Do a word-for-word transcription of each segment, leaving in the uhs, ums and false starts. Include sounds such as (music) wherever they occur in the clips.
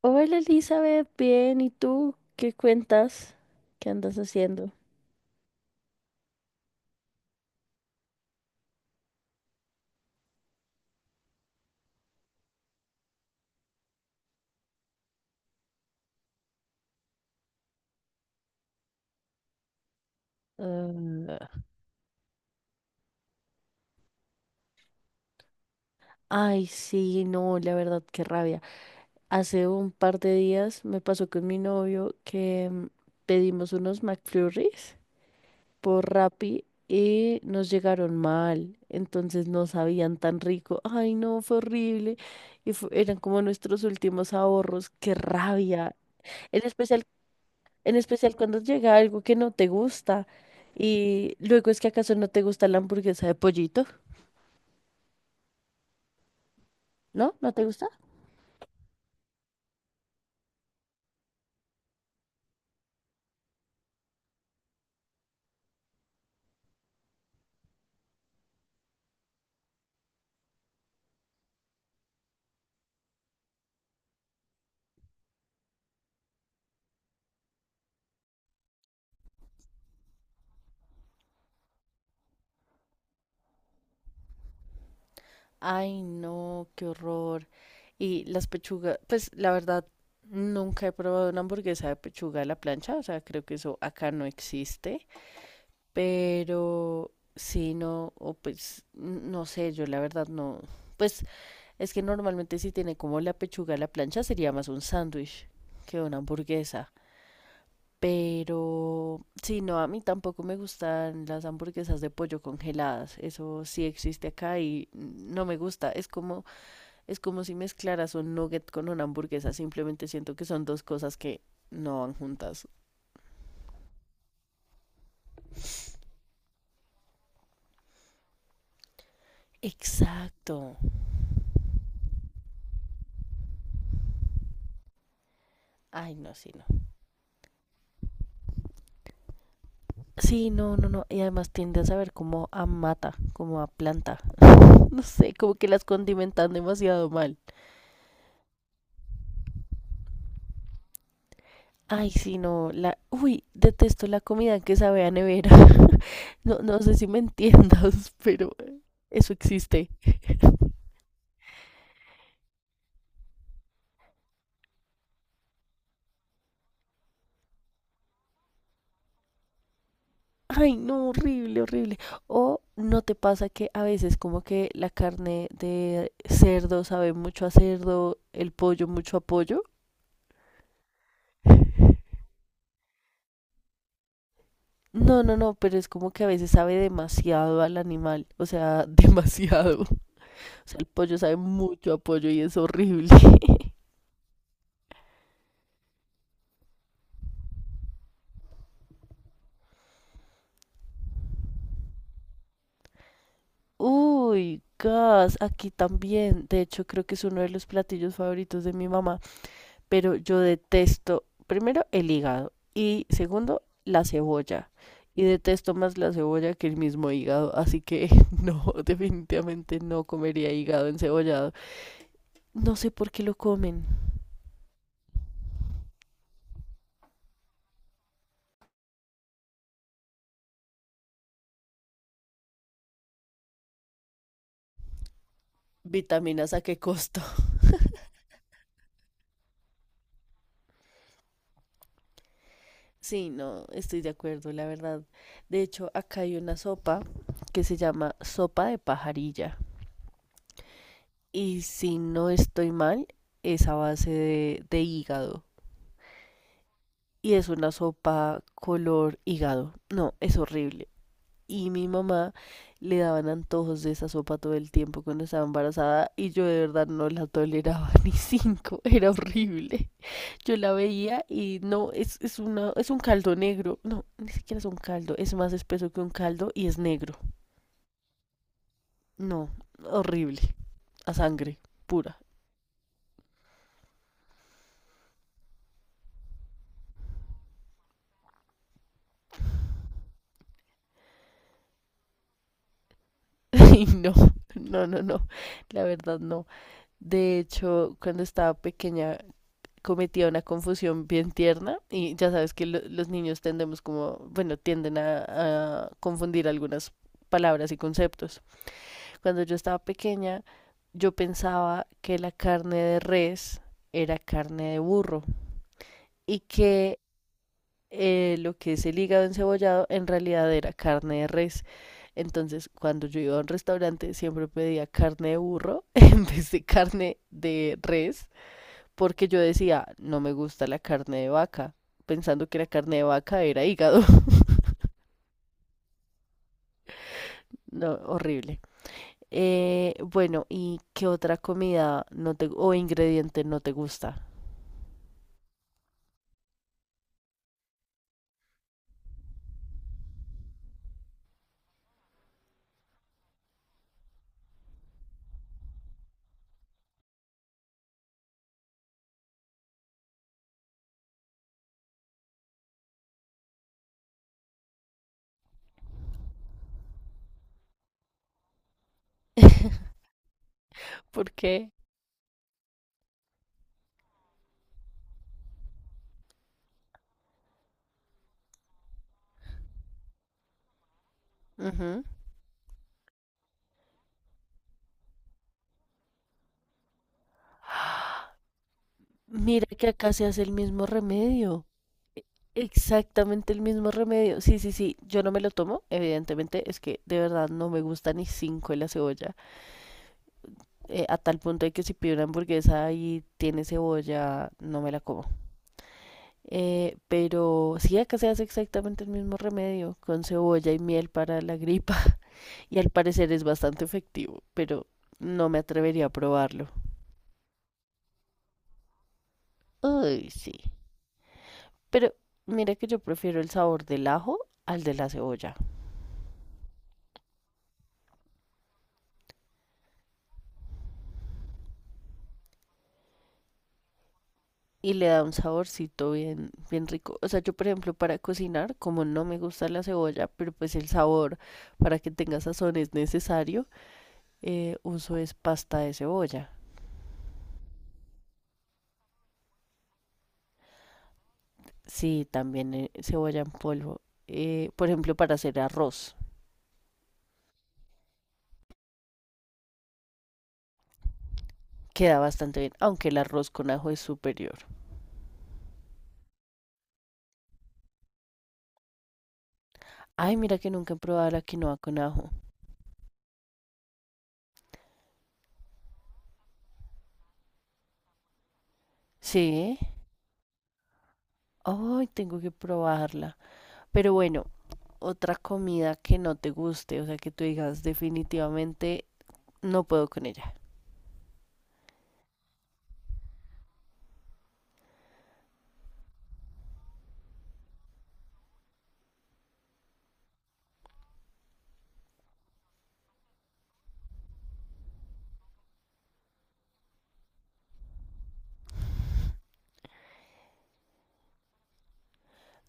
Hola Elizabeth, bien, ¿y tú? ¿Qué cuentas? ¿Qué andas haciendo? Ah, ay, sí, no, la verdad, qué rabia. Hace un par de días me pasó con mi novio que mm, pedimos unos McFlurries por Rappi y nos llegaron mal, entonces no sabían tan rico. Ay, no, fue horrible. Y fu- eran como nuestros últimos ahorros, qué rabia. En especial En especial cuando llega algo que no te gusta y luego es que acaso no te gusta la hamburguesa de pollito, ¿no? ¿No te gusta? Ay, no, qué horror. Y las pechugas, pues la verdad, nunca he probado una hamburguesa de pechuga a la plancha, o sea, creo que eso acá no existe, pero si no, o pues, n- no sé, yo la verdad no, pues es que normalmente si tiene como la pechuga a la plancha sería más un sándwich que una hamburguesa. Pero sí, no, a mí tampoco me gustan las hamburguesas de pollo congeladas. Eso sí existe acá y no me gusta. Es como, es como si mezclaras un nugget con una hamburguesa. Simplemente siento que son dos cosas que no van juntas. Exacto. Ay, no, sí, no. Sí, no, no, no. Y además tiende a saber como a mata, como a planta. (laughs) No sé, como que las condimentan demasiado mal. Ay, sí, no, la, uy, detesto la comida que sabe a nevera. (laughs) No, no sé si me entiendas, (laughs) pero eso existe. (laughs) Ay, no, horrible, horrible. O no te pasa que a veces como que la carne de cerdo sabe mucho a cerdo, el pollo mucho a pollo. No, no, no, pero es como que a veces sabe demasiado al animal, o sea, (laughs) demasiado. O sea, el pollo sabe mucho a pollo y es horrible. (laughs) Uy, gas, aquí también. De hecho, creo que es uno de los platillos favoritos de mi mamá, pero yo detesto, primero, el hígado y segundo, la cebolla. Y detesto más la cebolla que el mismo hígado, así que (laughs) no, definitivamente no comería hígado encebollado. No sé por qué lo comen. Vitaminas a qué costo. (laughs) Sí, no, estoy de acuerdo, la verdad. De hecho, acá hay una sopa que se llama sopa de pajarilla. Y si no estoy mal, es a base de, de hígado. Y es una sopa color hígado. No, es horrible. Y mi mamá le daban antojos de esa sopa todo el tiempo cuando estaba embarazada y yo de verdad no la toleraba (laughs) ni cinco, era horrible. Yo la veía y no, es, es, una, es un caldo negro, no, ni siquiera es un caldo, es más espeso que un caldo y es negro. No, horrible, a sangre pura. (laughs) Y no, no, no, no, la verdad no. De hecho, cuando estaba pequeña cometía una confusión bien tierna y ya sabes que lo- los niños tendemos como, bueno, tienden a, a confundir algunas palabras y conceptos. Cuando yo estaba pequeña, yo pensaba que la carne de res era carne de burro y que eh, lo que es el hígado encebollado en realidad era carne de res. Entonces, cuando yo iba a un restaurante, siempre pedía carne de burro (laughs) en vez de carne de res porque yo decía, no me gusta la carne de vaca, pensando que la carne de vaca era hígado. (laughs) No, horrible. Eh, bueno, ¿y qué otra comida no te, o ingrediente no te gusta? ¿Por qué? Ujú. Mira que acá se hace el mismo remedio. e- Exactamente el mismo remedio. Sí, sí, sí. Yo no me lo tomo, evidentemente. Es que de verdad no me gusta ni cinco de la cebolla. Eh, a tal punto de que si pido una hamburguesa y tiene cebolla, no me la como. Eh, pero sí, acá se hace exactamente el mismo remedio con cebolla y miel para la gripa (laughs) y al parecer es bastante efectivo, pero no me atrevería a probarlo. Uy, sí. Pero mira que yo prefiero el sabor del ajo al de la cebolla y le da un saborcito bien, bien rico. O sea, yo por ejemplo para cocinar, como no me gusta la cebolla, pero pues el sabor para que tenga sazón es necesario, eh, uso es pasta de cebolla. Sí, también eh, cebolla en polvo. Eh, por ejemplo, para hacer arroz, queda bastante bien, aunque el arroz con ajo es superior. Ay, mira que nunca he probado la quinoa con ajo. Sí, ay, tengo que probarla. Pero bueno, otra comida que no te guste, o sea, que tú digas definitivamente no puedo con ella.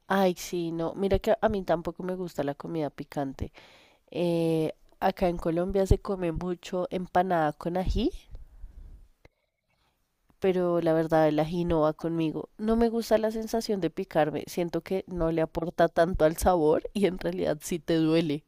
Ay, sí, no, mira que a mí tampoco me gusta la comida picante. Eh, Acá en Colombia se come mucho empanada con ají. Pero la verdad el ají no va conmigo. No me gusta la sensación de picarme, siento que no le aporta tanto al sabor y en realidad sí te duele.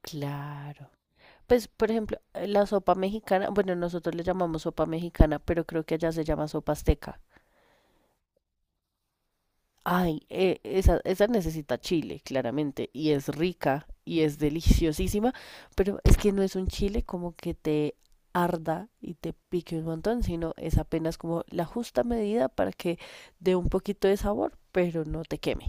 Claro. Pues, por ejemplo, eh, la sopa mexicana, bueno, nosotros le llamamos sopa mexicana, pero creo que allá se llama sopa azteca. Ay, eh, esa, esa necesita chile, claramente, y es rica y es deliciosísima, pero es que no es un chile como que te arda y te pique un montón, sino es apenas como la justa medida para que dé un poquito de sabor, pero no te queme.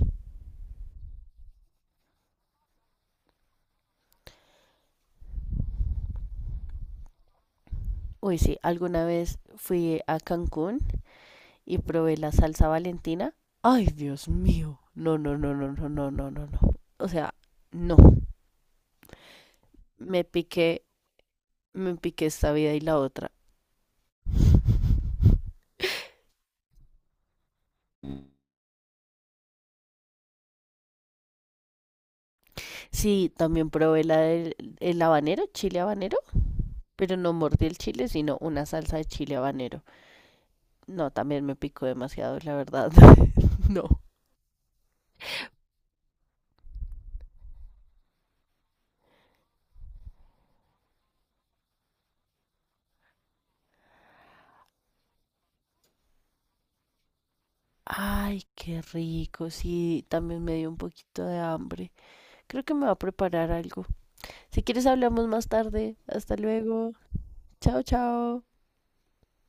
Uy, sí, alguna vez fui a Cancún y probé la salsa Valentina. Ay, Dios mío, no, no, no, no, no, no, no, no, no. O sea, no, me piqué, me piqué esta vida y la otra. Sí, también probé la del el habanero, chile habanero, pero no mordí el chile, sino una salsa de chile habanero. No, también me picó demasiado, la verdad. (laughs) No. Ay, qué rico. Sí, también me dio un poquito de hambre. Creo que me va a preparar algo. Si quieres, hablamos más tarde. Hasta luego. Chao, chao.